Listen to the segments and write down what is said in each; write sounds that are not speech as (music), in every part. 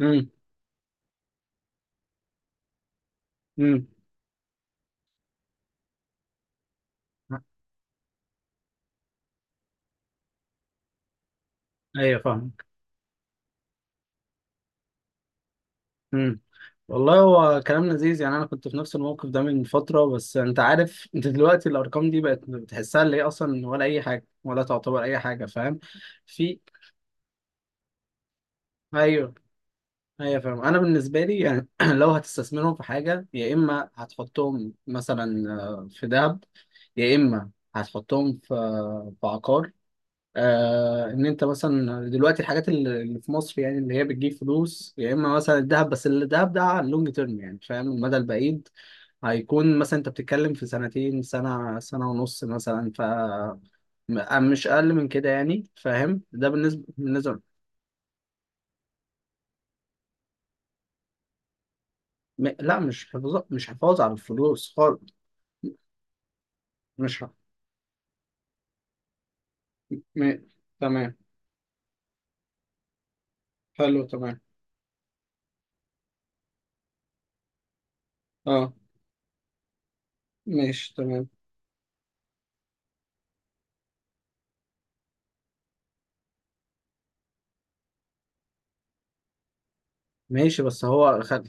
امم امم ايوه فاهم. امم والله هو كلام لذيذ، يعني انا كنت في نفس الموقف ده من فتره. بس انت عارف، انت دلوقتي الارقام دي بقت بتحسها اللي هي اصلا ولا اي حاجه ولا تعتبر اي حاجه، فاهم؟ في، ايوه ايوه فاهم. انا بالنسبه لي يعني (clears throat) لو هتستثمرهم في حاجه، يا اما هتحطهم مثلا في ذهب، يا اما هتحطهم في عقار. ان انت مثلا دلوقتي الحاجات اللي في مصر يعني اللي هي بتجيب فلوس، يا اما مثلا الذهب. بس الذهب ده على اللونج تيرم، يعني فاهم، المدى البعيد. هيكون مثلا انت بتتكلم في سنتين، سنة سنة ونص مثلا. ف مش اقل من كده يعني، فاهم؟ ده بالنسبة. لا، مش حفاظ على الفلوس خالص. مش ح... م... تمام. حلو تمام. اه ماشي تمام. ماشي بس هو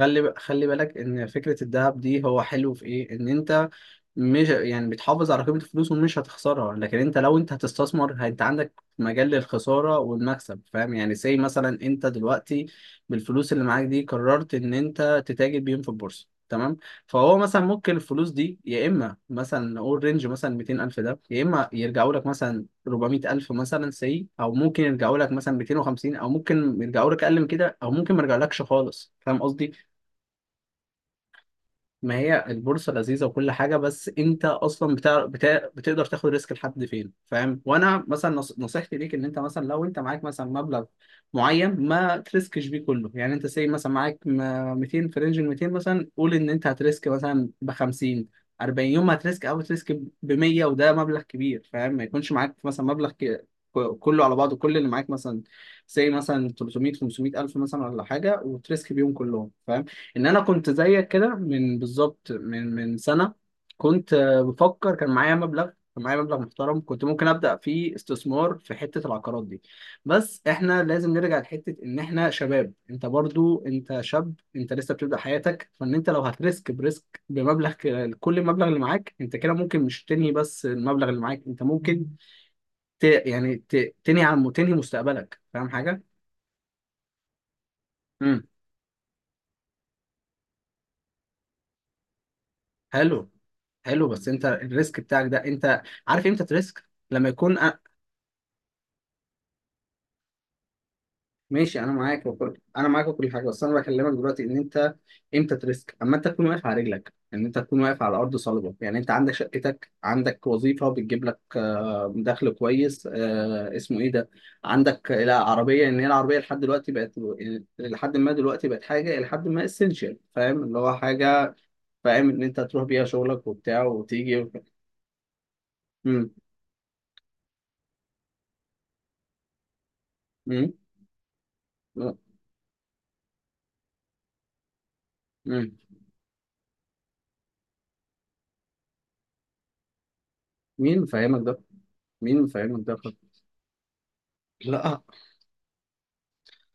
خلي بالك ان فكرة الذهب دي هو حلو في ايه، ان انت مش يعني بتحافظ على قيمة الفلوس ومش هتخسرها. لكن انت لو انت هتستثمر، انت عندك مجال للخسارة والمكسب، فاهم يعني؟ زي مثلا انت دلوقتي بالفلوس اللي معاك دي قررت ان انت تتاجر بيهم في البورصة، تمام؟ فهو مثلا ممكن الفلوس دي يا اما مثلا نقول رينج مثلا 200 الف ده، يا اما يرجعوا لك مثلا 400 الف مثلا، سي، او ممكن يرجعوا لك مثلا 250، او ممكن يرجعوا لك اقل من كده، او ممكن ما يرجعلكش خالص، فاهم قصدي؟ ما هي البورصة لذيذة وكل حاجة، بس أنت أصلا بتقدر تاخد ريسك لحد فين، فاهم؟ وأنا مثلا نصيحتي ليك إن أنت مثلا لو أنت معاك مثلا مبلغ معين، ما تريسكش بيه كله. يعني أنت سي مثلا معاك 200، في رينج ال 200 مثلا قول إن أنت هتريسك مثلا ب 50 40. يوم ما هتريسك أو تريسك ب 100 وده مبلغ كبير، فاهم؟ ما يكونش معاك مثلا مبلغ كله على بعضه، كل اللي معاك مثلا زي مثلا 300 500 ألف مثلا ولا حاجة، وتريسك بيهم كلهم. ان انا كنت زيك كده من بالظبط من سنه. كنت بفكر، كان معايا مبلغ محترم، كنت ممكن ابدا فيه استثمار في حته العقارات دي. بس احنا لازم نرجع لحته ان احنا شباب، انت برضو انت شاب، انت لسه بتبدا حياتك. فان انت لو هتريسك بريسك بمبلغ كل المبلغ اللي معاك انت، كده ممكن مش تنهي. بس المبلغ اللي معاك انت ممكن ت... يعني ت... تنهي مستقبلك، فاهم حاجه؟ حلو. حلو، بس انت الريسك بتاعك ده، انت عارف امتى تريسك؟ لما يكون ماشي انا معاك وكل، انا معاك وكل حاجه، بس انا بكلمك دلوقتي ان انت امتى تريسك. اما انت تكون واقف على رجلك، ان انت تكون واقف على ارض صلبه، يعني انت عندك شقتك، عندك وظيفه بتجيب لك دخل كويس، آه، اسمه ايه ده عندك لا عربيه، ان هي العربيه لحد دلوقتي بقت، لحد ما دلوقتي بقت حاجه، لحد ما اسينشال، فاهم؟ اللي هو حاجه فاهم، ان انت تروح بيها شغلك وبتاع وتيجي مم. مم. مم. مين مفهمك ده؟ مين مفهمك ده؟ لا.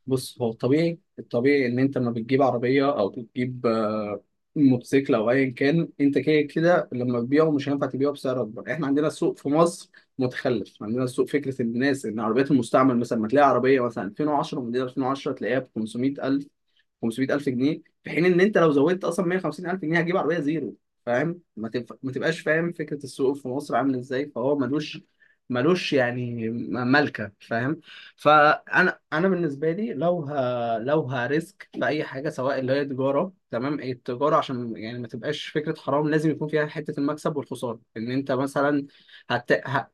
بص، هو الطبيعي، الطبيعي ان انت لما بتجيب عربيه او بتجيب موتوسيكل او ايا كان، انت كده كده لما تبيعه مش هينفع تبيعه بسعر اكبر. احنا عندنا السوق في مصر متخلف. عندنا السوق فكره الناس ان عربيات المستعمل مثلا، ما تلاقي عربيه مثلا 2010، موديل 2010 تلاقيها ب 500,000، 500,000 جنيه، في حين ان انت لو زودت اصلا 150,000 جنيه هتجيب عربيه زيرو، فاهم؟ ما تبقاش فاهم فكره السوق في مصر عامل ازاي. فهو ملوش يعني ملكه، فاهم؟ فانا، انا بالنسبه لي لو لو هريسك في اي حاجه، سواء اللي هي تجاره تمام، التجاره عشان يعني ما تبقاش فكره حرام لازم يكون فيها حته المكسب والخساره، ان انت مثلا هت... ه...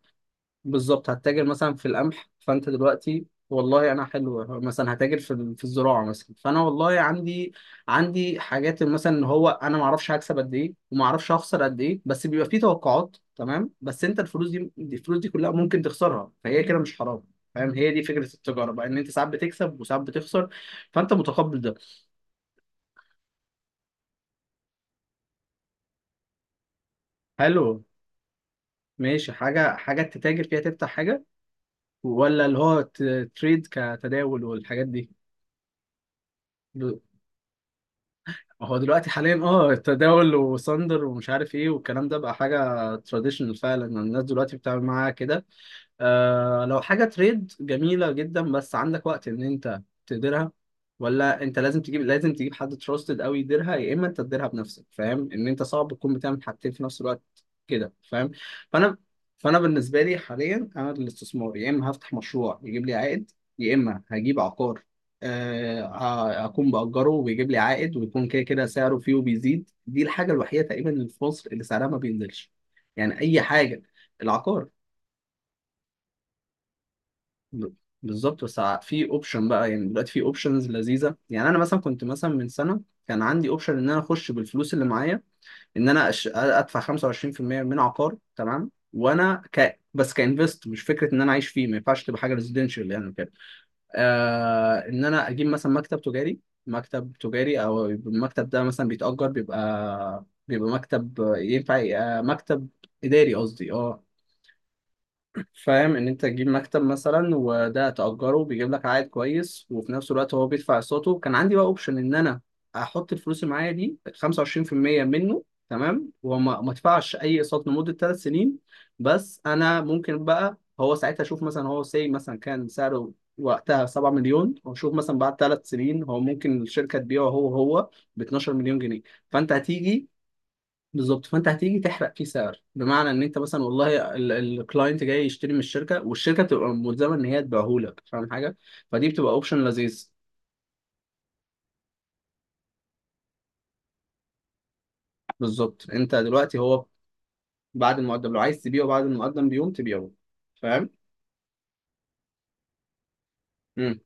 بالظبط هتتاجر مثلا في القمح. فانت دلوقتي والله انا حلو مثلا هتاجر في في الزراعه مثلا، فانا والله عندي حاجات مثلا، ان هو انا ما اعرفش هكسب قد ايه وما اعرفش هخسر قد ايه. بس بيبقى فيه توقعات تمام، بس انت الفلوس دي، كلها ممكن تخسرها، فهي كده مش حرام، فاهم؟ هي دي فكره التجاره بقى، ان انت ساعات بتكسب وساعات بتخسر، فانت متقبل ده. حلو. ماشي، حاجه حاجه تتاجر فيها، تفتح حاجه، ولا اللي هو تريد، كتداول والحاجات دي؟ هو دلوقتي حاليا اه التداول وساندر ومش عارف ايه والكلام ده بقى حاجه تراديشنال فعلا، الناس دلوقتي بتتعامل معاها كده. آه، لو حاجة تريد جميلة جدا، بس عندك وقت إن أنت تديرها؟ ولا أنت لازم تجيب حد تراستد أوي يديرها، يا إما أنت تديرها بنفسك، فاهم؟ إن أنت صعب تكون بتعمل حاجتين في نفس الوقت كده، فاهم؟ فأنا فأنا بالنسبة لي حاليا أنا الاستثمار، يا إما هفتح مشروع يجيب لي عائد، يا إما هجيب عقار أكون بأجره ويجيب لي عائد، ويكون كده كده سعره فيه وبيزيد. دي الحاجة الوحيدة تقريبا اللي في مصر اللي سعرها ما بينزلش، يعني أي حاجة العقار. بالظبط، بس في اوبشن بقى، يعني دلوقتي في اوبشنز لذيذه. يعني انا مثلا كنت مثلا من سنه كان عندي اوبشن ان انا اخش بالفلوس اللي معايا، ان انا ادفع 25% من عقار تمام، وانا بس كانفست، مش فكره ان انا عايش فيه، ما ينفعش تبقى حاجه ريزيدنشال يعني كده. ان انا اجيب مثلا مكتب تجاري، او يبقى المكتب ده مثلا بيتأجر، بيبقى مكتب ينفع يبقى مكتب اداري قصدي، اه. فاهم ان انت تجيب مكتب مثلا، وده تأجره بيجيب لك عائد كويس، وفي نفس الوقت هو بيدفع اقساطه. كان عندي بقى اوبشن ان انا احط الفلوس اللي معايا دي 25% منه، تمام، وما ما ادفعش اي اقساط لمدة 3 سنين. بس انا ممكن بقى هو ساعتها اشوف مثلا، هو سي مثلا كان سعره وقتها 7 مليون، واشوف مثلا بعد 3 سنين هو ممكن الشركة تبيعه هو ب 12 مليون جنيه، فانت هتيجي. بالظبط، فانت هتيجي تحرق فيه سعر، بمعنى ان انت مثلا والله الكلاينت جاي يشتري من الشركه، والشركه بتبقى ملزمه ان هي تبيعهولك، فاهم حاجه؟ فدي بتبقى اوبشن لذيذ. بالظبط. انت دلوقتي هو بعد المقدم، لو عايز تبيعه بعد المقدم بيوم تبيعه، فاهم؟ امم.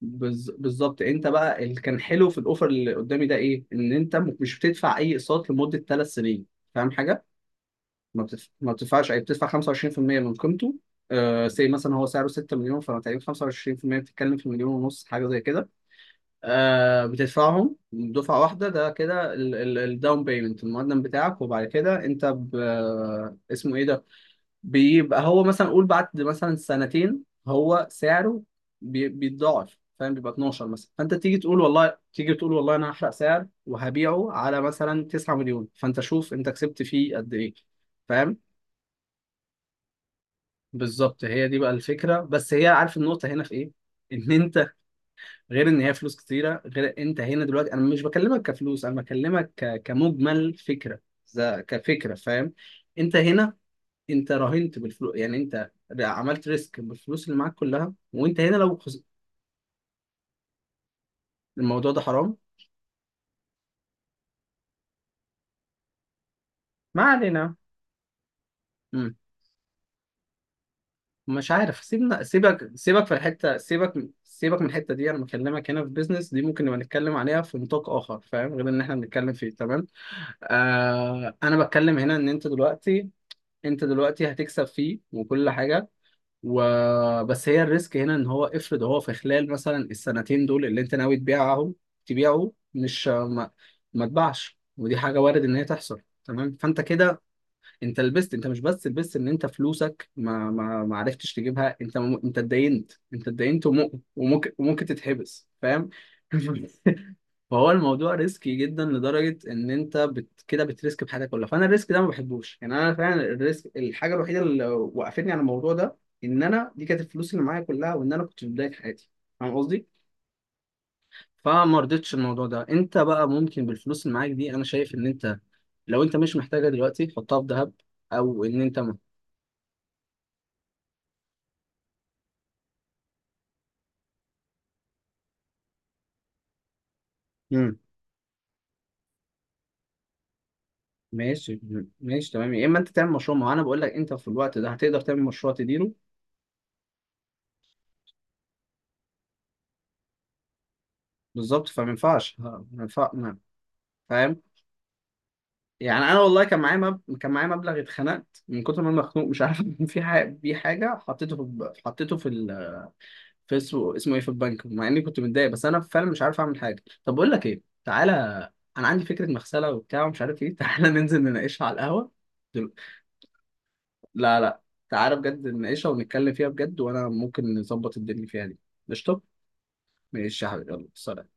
بالظبط. انت بقى اللي كان حلو في الاوفر اللي قدامي ده ايه، ان انت مش بتدفع اي اقساط لمده 3 سنين، فاهم حاجه؟ ما بتدفعش أي، بتدفع 25% من قيمته. آه سي مثلا هو سعره 6 مليون، فأنت تقريبا 25% بتتكلم في مليون ونص حاجة زي كده. بتدفعهم دفعة واحدة. ده كده الداون بيمنت، المقدم بتاعك، وبعد كده أنت ب... آه، اسمه إيه ده بيبقى هو مثلا، قول بعد مثلا سنتين هو سعره بيتضاعف، فاهم؟ بيبقى 12 مثلا، فانت تيجي تقول والله، انا هحرق سعر وهبيعه على مثلا 9 مليون، فانت شوف انت كسبت فيه قد ايه، فاهم؟ بالظبط، هي دي بقى الفكره. بس هي، عارف النقطه هنا في ايه؟ ان انت غير ان هي فلوس كتيره، غير انت هنا دلوقتي انا مش بكلمك كفلوس، انا بكلمك كمجمل فكره، ز- كفكره، فاهم؟ انت هنا، انت راهنت بالفلوس. يعني انت عملت ريسك بالفلوس اللي معاك كلها، وانت هنا لو الموضوع ده حرام. ما علينا. مش عارف، سيبنا سيبك سيبك في الحته سيبك سيبك من الحته دي، انا بكلمك هنا في بيزنس دي، ممكن نبقى نتكلم عليها في نطاق اخر فاهم، غير ان احنا بنتكلم فيه تمام. آه انا بتكلم هنا ان انت دلوقتي، هتكسب فيه وكل حاجه وبس. هي الريسك هنا ان هو افرض هو في خلال مثلا السنتين دول اللي انت ناوي تبيعهم، تبيعه مش ما تباعش، ودي حاجه وارد ان هي تحصل تمام، فانت كده انت لبست. انت مش بس لبست، ان انت فلوسك ما عرفتش تجيبها، انت انت اتدينت، وممكن تتحبس، فاهم؟ (laughs) فهو الموضوع ريسكي جدا لدرجه ان انت كده بتريسك بحياتك كلها، فانا الريسك ده ما بحبوش يعني. انا فعلا الريسك الحاجه الوحيده اللي وقفتني على الموضوع ده، ان انا دي كانت الفلوس اللي معايا كلها، وان انا كنت في بدايه حياتي، فاهم قصدي؟ فما رضيتش الموضوع ده. انت بقى ممكن بالفلوس اللي معاك دي، انا شايف ان انت لو انت مش محتاجها دلوقتي حطها في ذهب، او ان انت مم. ماشي. ماشي تمام، يا اما انت تعمل مشروع، ما هو انا بقول لك انت في الوقت ده هتقدر تعمل مشروع تديره. بالظبط، فما ينفعش ها، ما ينفع- ما- فاهم؟ يعني انا والله كان معايا كان معايا مبلغ، اتخنقت من كتر ما انا مخنوق مش عارف (laughs) في حاجه بيه، حاجه حطيته في حطيته في اسمه ايه، في البنك، مع اني كنت متضايق، بس انا فعلا مش عارف اعمل حاجه. طب بقول لك ايه، تعالى انا عندي فكره مغسله وبتاع ومش عارف ايه (laughs) تعالى ننزل نناقشها على القهوه. دل... لا لا، تعالى بجد نناقشها ونتكلم فيها بجد، وانا ممكن نظبط الدنيا فيها دي. قشطه. ماشي يا حبيبي يلا سلام.